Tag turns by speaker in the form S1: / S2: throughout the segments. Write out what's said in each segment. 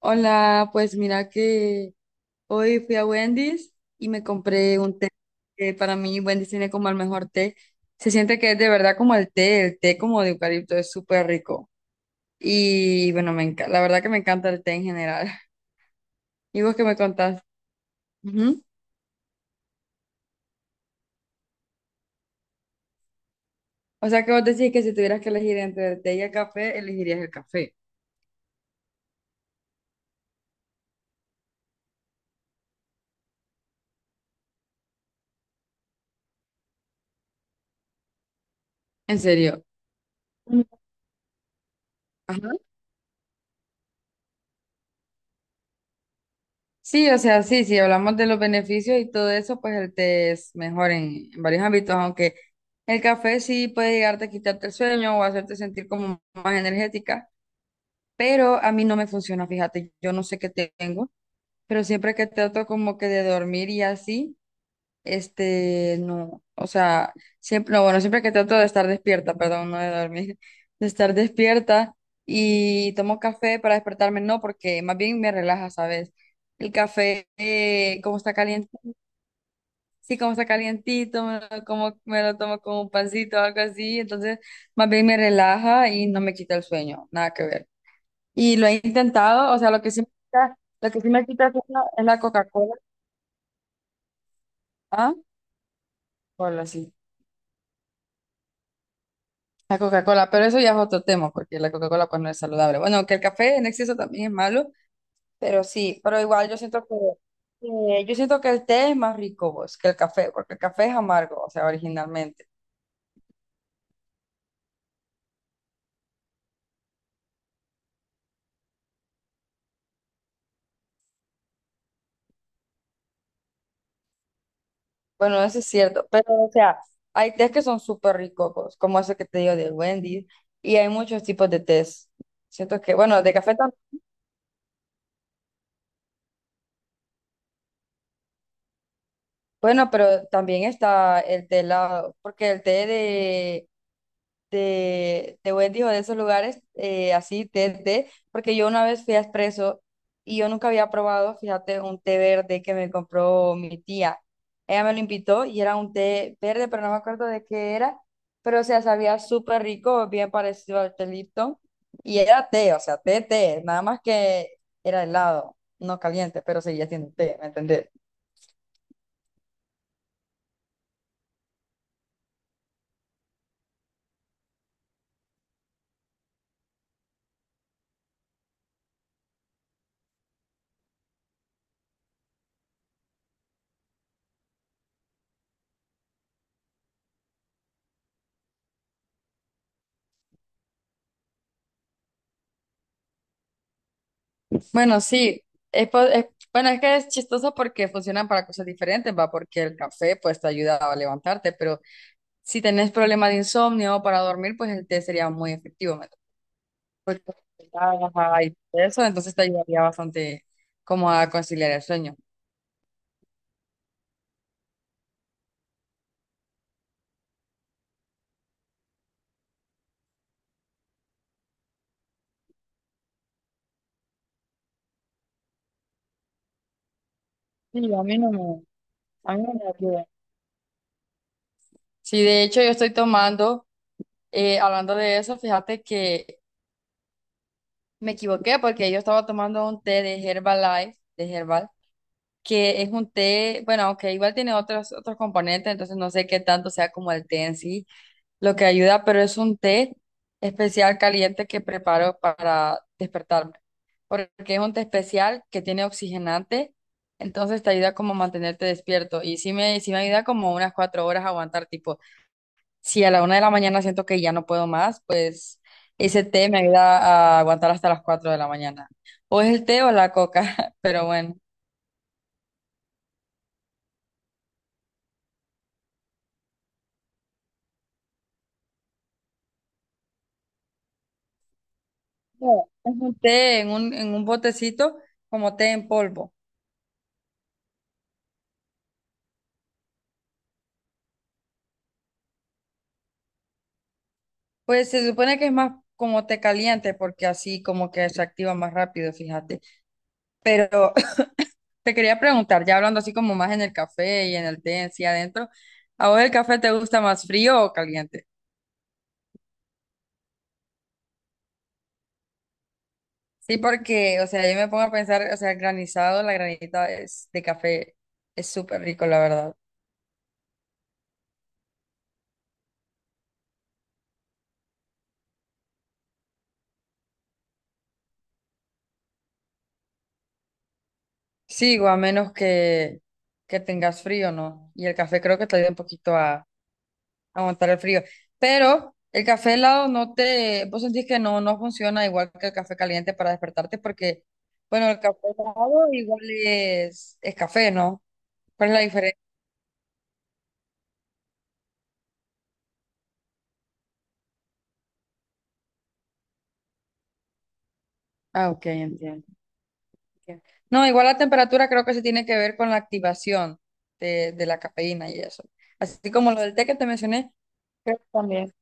S1: Hola, pues mira que hoy fui a Wendy's y me compré un té que para mí Wendy's tiene como el mejor té. Se siente que es de verdad como el té como de eucalipto es súper rico. Y bueno, la verdad que me encanta el té en general. ¿Y vos qué me contás? Ujú. O sea que vos decís que si tuvieras que elegir entre el té y el café, elegirías el café. ¿En serio? Mm. Ajá. Sí, o sea, sí, si hablamos de los beneficios y todo eso, pues el té es mejor en varios ámbitos, aunque el café sí puede llegarte a quitarte el sueño o hacerte sentir como más energética, pero a mí no me funciona, fíjate, yo no sé qué tengo, pero siempre que trato como que de dormir y así, este, no, o sea, siempre, no, bueno, siempre que trato de estar despierta, perdón, no de dormir, de estar despierta y tomo café para despertarme, no, porque más bien me relaja, ¿sabes? El café, como está caliente, sí, como está calientito, me lo tomo con un pancito o algo así, entonces más bien me relaja y no me quita el sueño, nada que ver. Y lo he intentado, o sea, lo que sí me quita el sueño es la Coca-Cola. ¿Ah? Cola, sí. La Coca-Cola, pero eso ya es otro tema, porque la Coca-Cola pues no es saludable. Bueno, que el café en exceso también es malo, pero sí, pero igual yo siento que yo siento que el té es más rico vos, que el café, porque el café es amargo, o sea, originalmente. Bueno, eso es cierto, pero o sea, hay tés que son súper ricos vos, como ese que te digo del Wendy's, y hay muchos tipos de tés. Siento que, bueno, de café también, bueno, pero también está el té helado, porque el té de Wendy o de esos lugares, así, té, porque yo una vez fui a Espresso y yo nunca había probado, fíjate, un té verde que me compró mi tía. Ella me lo invitó y era un té verde, pero no me acuerdo de qué era, pero o sea, sabía súper rico, bien parecido al té Lipton, y era té, o sea, té, nada más que era helado, no caliente, pero seguía siendo té, ¿me entendés? Bueno, sí, es, po- es- bueno, es que es chistoso porque funcionan para cosas diferentes, va, porque el café pues te ayuda a levantarte, pero si tenés problemas de insomnio o para dormir, pues el té sería muy efectivo, ¿me entiendes? Porque te relaja y eso, entonces te ayudaría bastante como a conciliar el sueño. Sí, a mí no me, a mí no me ayuda. Sí, de hecho yo estoy tomando, hablando de eso, fíjate que me equivoqué porque yo estaba tomando un té de Herbalife, de Herbal que es un té, bueno, aunque igual tiene otros componentes, entonces no sé qué tanto sea como el té en sí lo que ayuda, pero es un té especial caliente que preparo para despertarme, porque es un té especial que tiene oxigenante, entonces te ayuda como a mantenerte despierto y sí me ayuda como unas 4 horas a aguantar, tipo, si a la 1 de la mañana siento que ya no puedo más, pues ese té me ayuda a aguantar hasta las 4 de la mañana. O es el té o la coca, pero bueno. No, es un té en un botecito como té en polvo. Pues se supone que es más como té caliente porque así como que se activa más rápido, fíjate. Pero te quería preguntar, ya hablando así como más en el café y en el té en sí adentro, ¿a vos el café te gusta más frío o caliente? Sí, porque, o sea, yo me pongo a pensar, o sea, granizado, la granita es, de café es súper rico, la verdad. Sí, o a menos que tengas frío, ¿no? Y el café creo que te ayuda un poquito a aguantar el frío. Pero el café helado no te, vos sentís que no, no funciona igual que el café caliente para despertarte porque, bueno, el café helado igual es café, ¿no? ¿Cuál es la diferencia? Ah, ok, entiendo. Ok. No, igual la temperatura creo que se tiene que ver con la activación de la cafeína y eso. Así como lo del té que te mencioné, creo que también.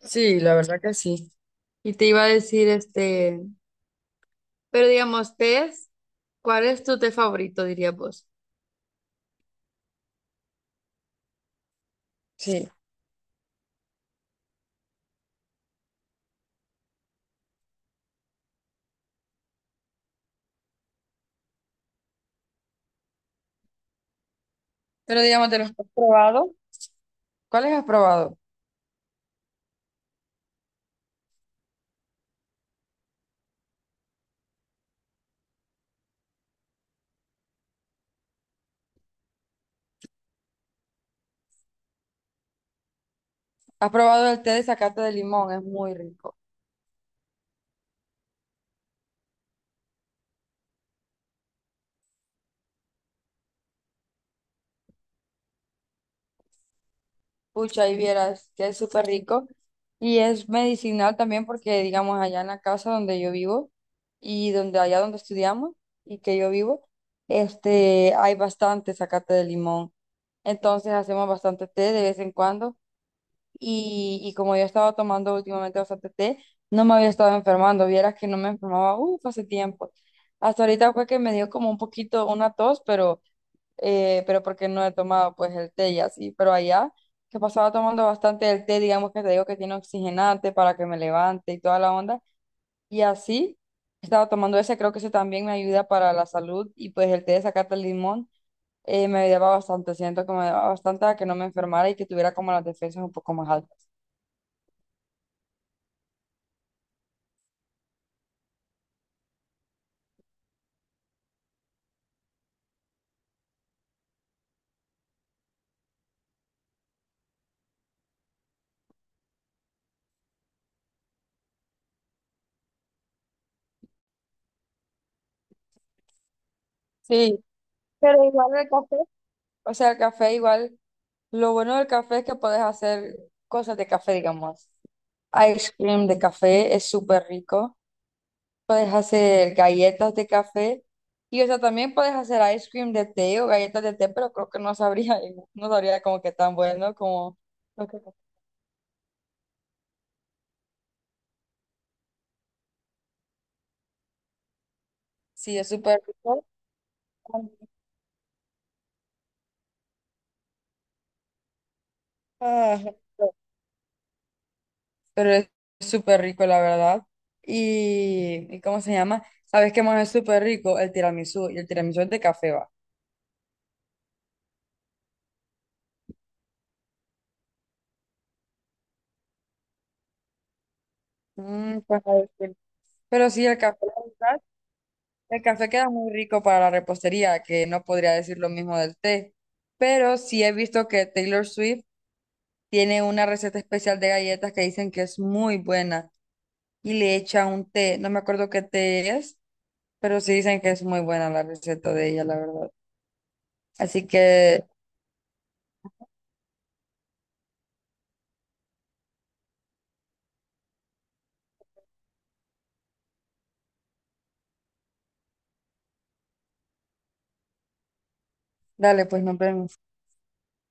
S1: Sí, la verdad que sí. Y te iba a decir, este, pero digamos, tés, ¿cuál es tu té favorito, dirías vos? Sí. Pero digamos, de los que has probado, ¿cuáles has probado? Has probado el té de zacate de limón, es muy rico. Pucha, y vieras que es súper rico. Y es medicinal también porque, digamos, allá en la casa donde yo vivo y donde allá donde estudiamos y que yo vivo, este, hay bastante zacate de limón. Entonces hacemos bastante té de vez en cuando y como yo he estado tomando últimamente bastante té, no me había estado enfermando, vieras que no me enfermaba, uff, hace tiempo. Hasta ahorita fue que me dio como un poquito una tos, pero porque no he tomado pues el té y así, pero allá que pasaba tomando bastante el té, digamos que te digo que tiene oxigenante para que me levante y toda la onda, y así estaba tomando ese, creo que ese también me ayuda para la salud y pues el té de zacate el limón. Me ayudaba bastante, siento que me ayudaba bastante a que no me enfermara y que tuviera como las defensas un poco más altas. Sí, pero igual el café, o sea, el café igual, lo bueno del café es que puedes hacer cosas de café, digamos. Ice cream de café es súper rico. Puedes hacer galletas de café. Y o sea, también puedes hacer ice cream de té o galletas de té, pero creo que no sabría como que tan bueno como... lo que- Sí, es súper rico. Ah, pero es súper rico, la verdad. ¿Y cómo se llama? ¿Sabes qué más es súper rico? El tiramisú. Y el tiramisú es de café, va. Mm, pues, a ver, sí. Pero sí, el café, la verdad, el café queda muy rico para la repostería, que no podría decir lo mismo del té. Pero sí he visto que Taylor Swift tiene una receta especial de galletas que dicen que es muy buena y le echa un té. No me acuerdo qué té es, pero sí dicen que es muy buena la receta de ella, la verdad. Así que dale, pues nos vemos.